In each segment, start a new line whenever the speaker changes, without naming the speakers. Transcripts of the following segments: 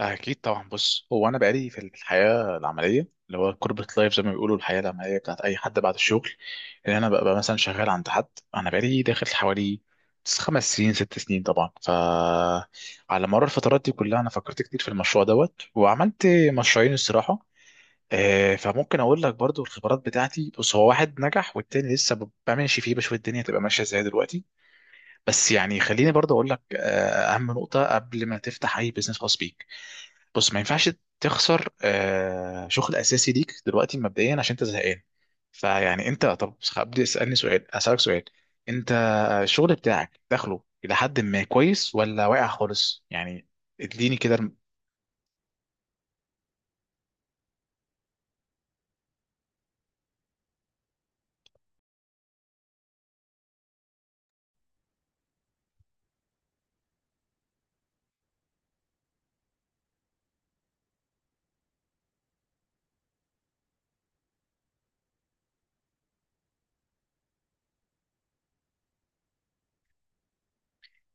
أكيد طبعا. بص، هو أنا بقالي في الحياة العملية، اللي هو كوربريت لايف زي ما بيقولوا، الحياة العملية بتاعت أي حد بعد الشغل، اللي أنا ببقى مثلا شغال عند حد. أنا بقالي داخل حوالي 5 سنين 6 سنين. طبعا فعلى مر الفترات دي كلها أنا فكرت كتير في المشروع دوت، وعملت مشروعين الصراحة. فممكن أقول لك برضو الخبرات بتاعتي. بص، هو واحد نجح والتاني لسه بمشي فيه، بشوف الدنيا تبقى ماشية إزاي دلوقتي. بس يعني خليني برضو أقول لك، أهم نقطة قبل ما تفتح أي بزنس خاص بيك. بص، ما ينفعش تخسر شغل اساسي ليك دلوقتي مبدئيا عشان انت زهقان. فيعني انت، طب ابدا اسالني سؤال اسالك سؤال. انت الشغل بتاعك دخله الى حد ما كويس، ولا واقع خالص يعني؟ اديني كده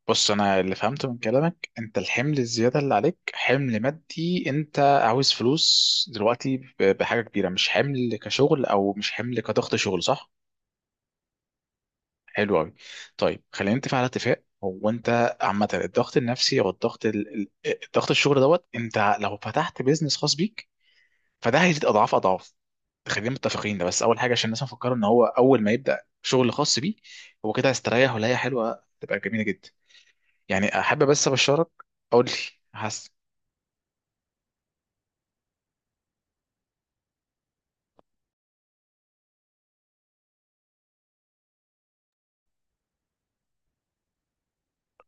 بص، انا اللي فهمته من كلامك، انت الحمل الزياده اللي عليك حمل مادي، انت عاوز فلوس دلوقتي بحاجه كبيره، مش حمل كشغل او مش حمل كضغط شغل، صح؟ حلو قوي. طيب خلينا نتفق على اتفاق. هو انت عامه الضغط النفسي او الضغط الشغل دوت، انت لو فتحت بيزنس خاص بيك فده هيزيد اضعاف اضعاف. خلينا متفقين ده، بس اول حاجه عشان الناس مفكره ان هو اول ما يبدا شغل خاص بيه هو كده هيستريح، ولا هي حلوه تبقى جميله جدا. يعني احب بس ابشرك. قول لي.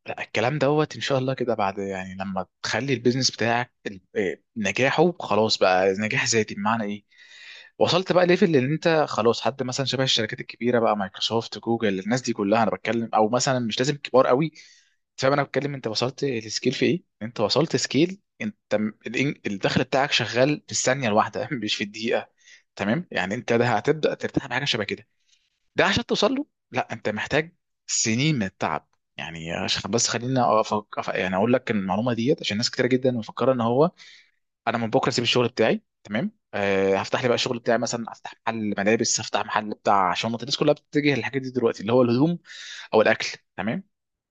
لا، الكلام دوت ان شاء الله كده بعد يعني لما تخلي البيزنس بتاعك ال- إيه، نجاحه خلاص بقى نجاح ذاتي. بمعنى ايه؟ وصلت بقى ليفل اللي انت خلاص، حد مثلا شبه الشركات الكبيره بقى، مايكروسوفت، جوجل، الناس دي كلها انا بتكلم. او مثلا مش لازم كبار قوي، أنت فاهم انا بتكلم، انت وصلت لسكيل في ايه، انت وصلت سكيل انت الدخل بتاعك شغال في الثانيه الواحده مش في الدقيقه. تمام، يعني انت ده هتبدا ترتاح بحاجه شبه كده. ده عشان توصل له، لا انت محتاج سنين من التعب يعني. عشان بس خلينا أفك... أف- يعني اقول لك المعلومه ديت، عشان ناس كتير جدا مفكره ان هو انا من بكره اسيب الشغل بتاعي، تمام أه، هفتح لي بقى الشغل بتاعي، مثلا افتح محل ملابس، هفتح محل بتاع شنط. الناس كلها بتتجه للحاجات دي دلوقتي، اللي هو الهدوم او الاكل. تمام.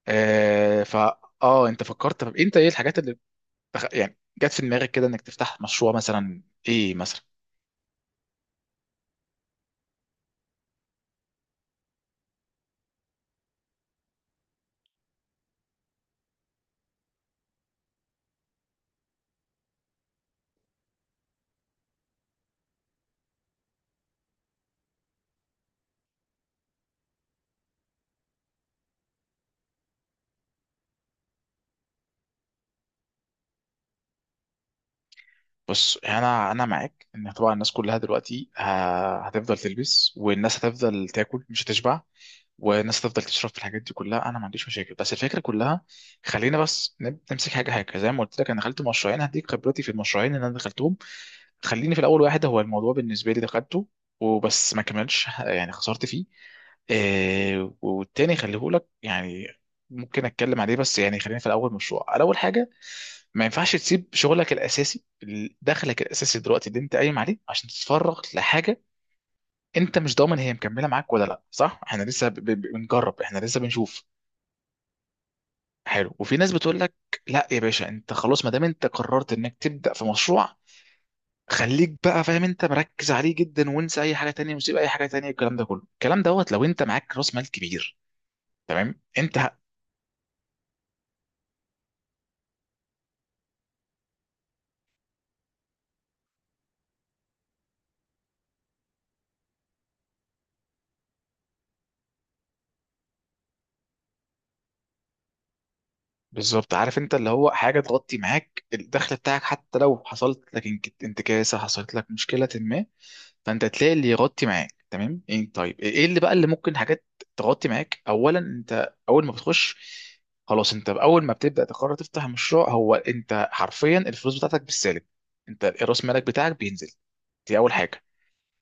أه فا انت فكرت، طب انت ايه الحاجات اللي بخ... يعني جت في دماغك كده انك تفتح مشروع مثلا، ايه مثلا؟ بص، انا معاك ان طبعا الناس كلها دلوقتي هتفضل تلبس، والناس هتفضل تاكل مش هتشبع، والناس هتفضل تشرب. في الحاجات دي كلها انا ما عنديش مشاكل، بس الفكره كلها. خلينا بس نمسك حاجه حاجه. زي ما قلت لك انا دخلت مشروعين، هديك خبرتي في المشروعين اللي انا دخلتهم. خليني في الاول واحد، هو الموضوع بالنسبه لي دخلته، وبس ما كملش يعني، خسرت فيه. آه، والتاني خليه لك يعني، ممكن اتكلم عليه. بس يعني خلينا في الاول مشروع. الاول حاجه، ما ينفعش تسيب شغلك الاساسي، دخلك الاساسي دلوقتي اللي انت قايم عليه، عشان تتفرغ لحاجه انت مش ضامن هي مكمله معاك ولا لا، صح؟ احنا لسه بنجرب، احنا لسه بنشوف. حلو. وفي ناس بتقول لك، لا يا باشا انت خلاص ما دام انت قررت انك تبدا في مشروع، خليك بقى فاهم انت مركز عليه جدا، وانسى اي حاجه تانية، وسيب اي حاجه تانية. الكلام ده كله، الكلام دوت، لو انت معاك راس مال كبير. تمام. بالظبط. عارف، انت اللي هو حاجه تغطي معاك الدخل بتاعك، حتى لو حصلت لك انتكاسه، حصلت لك مشكله ما، فانت تلاقي اللي يغطي معاك. تمام. إيه طيب، ايه إيه اللي بقى اللي ممكن حاجات تغطي معاك؟ اولا، انت اول ما بتخش، خلاص انت اول ما بتبدا تقرر تفتح مشروع، هو انت حرفيا الفلوس بتاعتك بالسالب، انت راس مالك بتاعك بينزل. دي اول حاجه.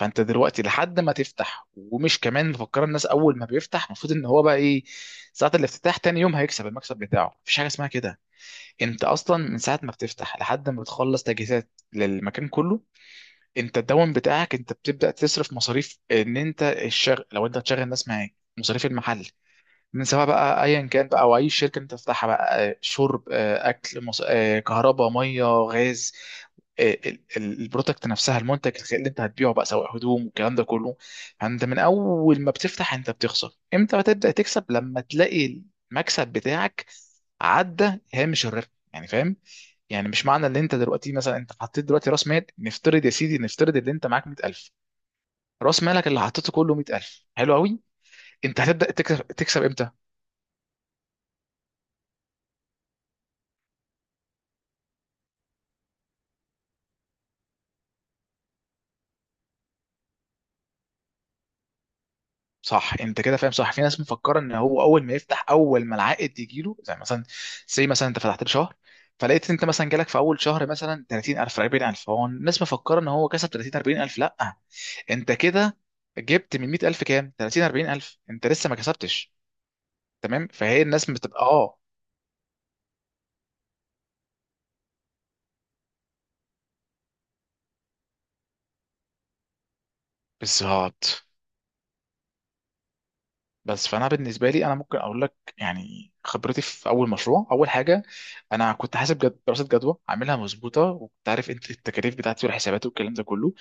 فانت دلوقتي لحد ما تفتح، ومش كمان مفكر، الناس اول ما بيفتح المفروض ان هو بقى ايه، ساعه الافتتاح تاني يوم هيكسب المكسب بتاعه. مفيش حاجه اسمها كده. انت اصلا من ساعه ما بتفتح لحد ما بتخلص تجهيزات للمكان كله، انت الدوام بتاعك انت بتبدا تصرف مصاريف، ان انت الشغل لو انت هتشغل ناس معاك، مصاريف المحل، من سواء بقى ايا كان بقى، او اي شركه انت تفتحها بقى، شرب، اكل، مص... آه، كهرباء، ميه، غاز، البرودكت نفسها، المنتج اللي انت هتبيعه بقى سواء هدوم والكلام ده كله. انت من اول ما بتفتح انت بتخسر. امتى بتبدا تكسب؟ لما تلاقي المكسب بتاعك عدى هامش الربح، يعني فاهم. يعني مش معنى ان انت دلوقتي مثلا، انت حطيت دلوقتي راس مال، نفترض يا سيدي، نفترض ان انت معاك 100000، راس مالك اللي حطيته كله 100000، حلو قوي. انت هتبدا تكسب، تكسب امتى؟ صح انت كده فاهم، صح. في ناس مفكره ان هو اول ما يفتح، اول ما العائد يجي له، زي مثلا، زي مثلا انت فتحت له شهر، فلقيت انت مثلا جالك في اول شهر مثلا 30000 40000، هو الناس مفكره ان هو كسب 30 40000، لا. انت كده جبت من 100000 كام؟ 30 40000، انت لسه ما كسبتش. تمام، فهي الناس بتبقى بالظبط. بس فانا بالنسبه لي، انا ممكن اقول لك يعني خبرتي في اول مشروع. اول حاجه، انا كنت حاسب دراسه جدوى عاملها مظبوطه، وكنت عارف انت التكاليف بتاعتي والحسابات والكلام ده كله.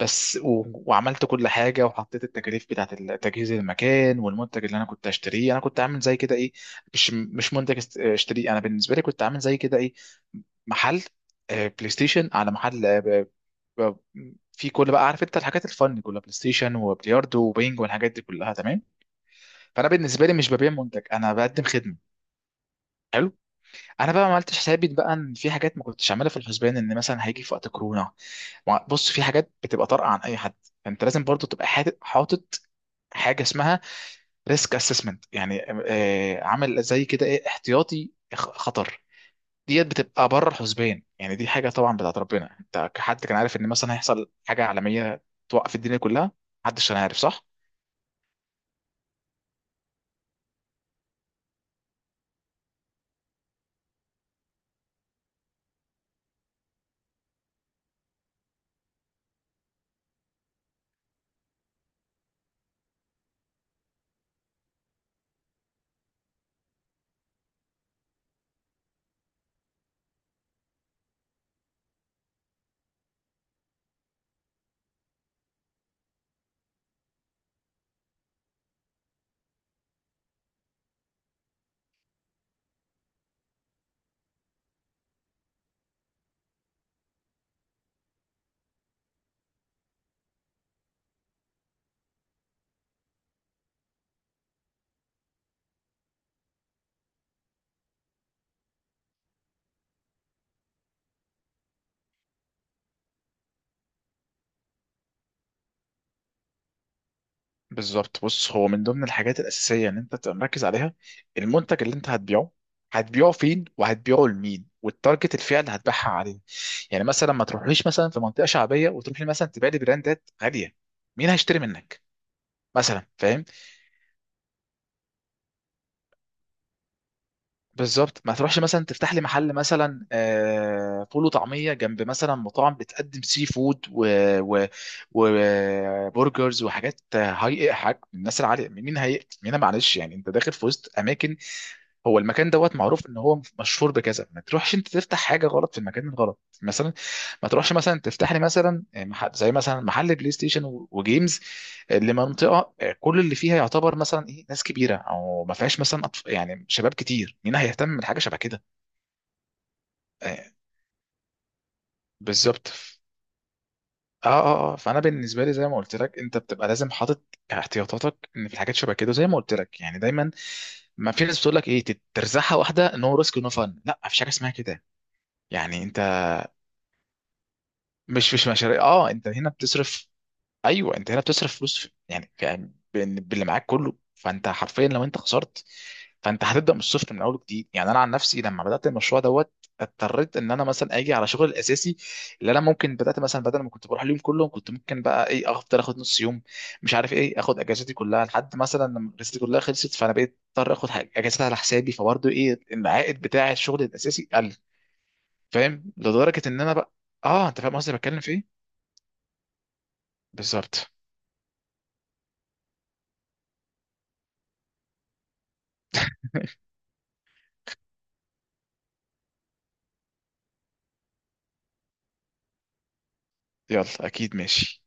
بس وعملت كل حاجه، وحطيت التكاليف بتاعت تجهيز المكان، والمنتج اللي انا كنت هشتريه. انا كنت عامل زي كده ايه، مش منتج اشتريه. انا بالنسبه لي كنت عامل زي كده ايه، محل بلاي ستيشن، على محل ب- في كل، بقى عارف انت، الحاجات الفن كلها، بلاي ستيشن وبلياردو وبينج والحاجات دي كلها. تمام. فانا بالنسبه لي مش ببيع منتج، انا بقدم خدمه. حلو. انا بقى ما عملتش حسابي بقى، ان في حاجات ما كنتش عاملها في الحسبان، ان مثلا هيجي في وقت كورونا. بص، في حاجات بتبقى طارئه عن اي حد. فانت لازم برضو تبقى حاطط حاجه اسمها ريسك اسسمنت، يعني عامل زي كده ايه، احتياطي خطر. ديت بتبقى بره الحسبان، يعني دي حاجه طبعا بتاعت ربنا. انت كحد كان عارف ان مثلا هيحصل حاجه عالميه توقف الدنيا كلها؟ محدش كان عارف، صح. بالظبط. بص، هو من ضمن الحاجات الأساسية إن أنت تبقى مركز عليها المنتج اللي أنت هتبيعه، هتبيعه فين، وهتبيعه لمين، والتارجت الفئة اللي هتبيعها عليه. يعني مثلا ما تروحليش مثلا في منطقة شعبية وتروح لي مثلا تبيع لي براندات غالية، مين هيشتري منك مثلا؟ فاهم. بالظبط. ما تروحش مثلا تفتح لي محل مثلا فول وطعمية جنب مثلا مطاعم بتقدم سي فود وبرجرز وبرجرز وحاجات هاي، حاجات الناس العالية، مين هي مين، معلش. يعني انت داخل في وسط اماكن، هو المكان دوت معروف ان هو مشهور بكذا، ما تروحش انت تفتح حاجه غلط في المكان الغلط. مثلا ما تروحش مثلا تفتح لي مثلا زي مثلا محل بلاي ستيشن وجيمز لمنطقه كل اللي فيها يعتبر مثلا ايه ناس كبيره، او ما فيهاش مثلا أطف... يعني شباب كتير، مين هيهتم بحاجه شبه كده؟ آه، بالظبط. اه فانا بالنسبه لي زي ما قلت لك، انت بتبقى لازم حاطط احتياطاتك، ان في الحاجات شبه كده. زي ما قلت لك يعني دايما، ما في ناس بتقول لك ايه ترزحها واحده، نو ريسك نو فن، لا مفيش حاجه اسمها كده. يعني انت، مش مش مشاريع. اه انت هنا بتصرف، ايوه انت هنا بتصرف فلوس باللي معاك كله. فانت حرفيا لو انت خسرت، فانت هتبدا من الصفر من اول جديد. يعني انا عن نفسي لما بدات المشروع دوت، اضطريت ان انا مثلا اجي على شغل الاساسي اللي انا، ممكن بدات مثلا، بدل ما كنت بروح اليوم كله كنت ممكن بقى ايه افضل اخد نص يوم، مش عارف ايه، اخد اجازتي كلها، لحد مثلا لما اجازتي كلها خلصت، فانا بقيت اضطر اخد اجازات على حسابي، فبرضه ايه العائد بتاع الشغل الاساسي قل. فاهم لدرجه ان انا بقى، اه انت فاهم قصدي بتكلم في ايه. بالظبط. يلا، اكيد، ماشي.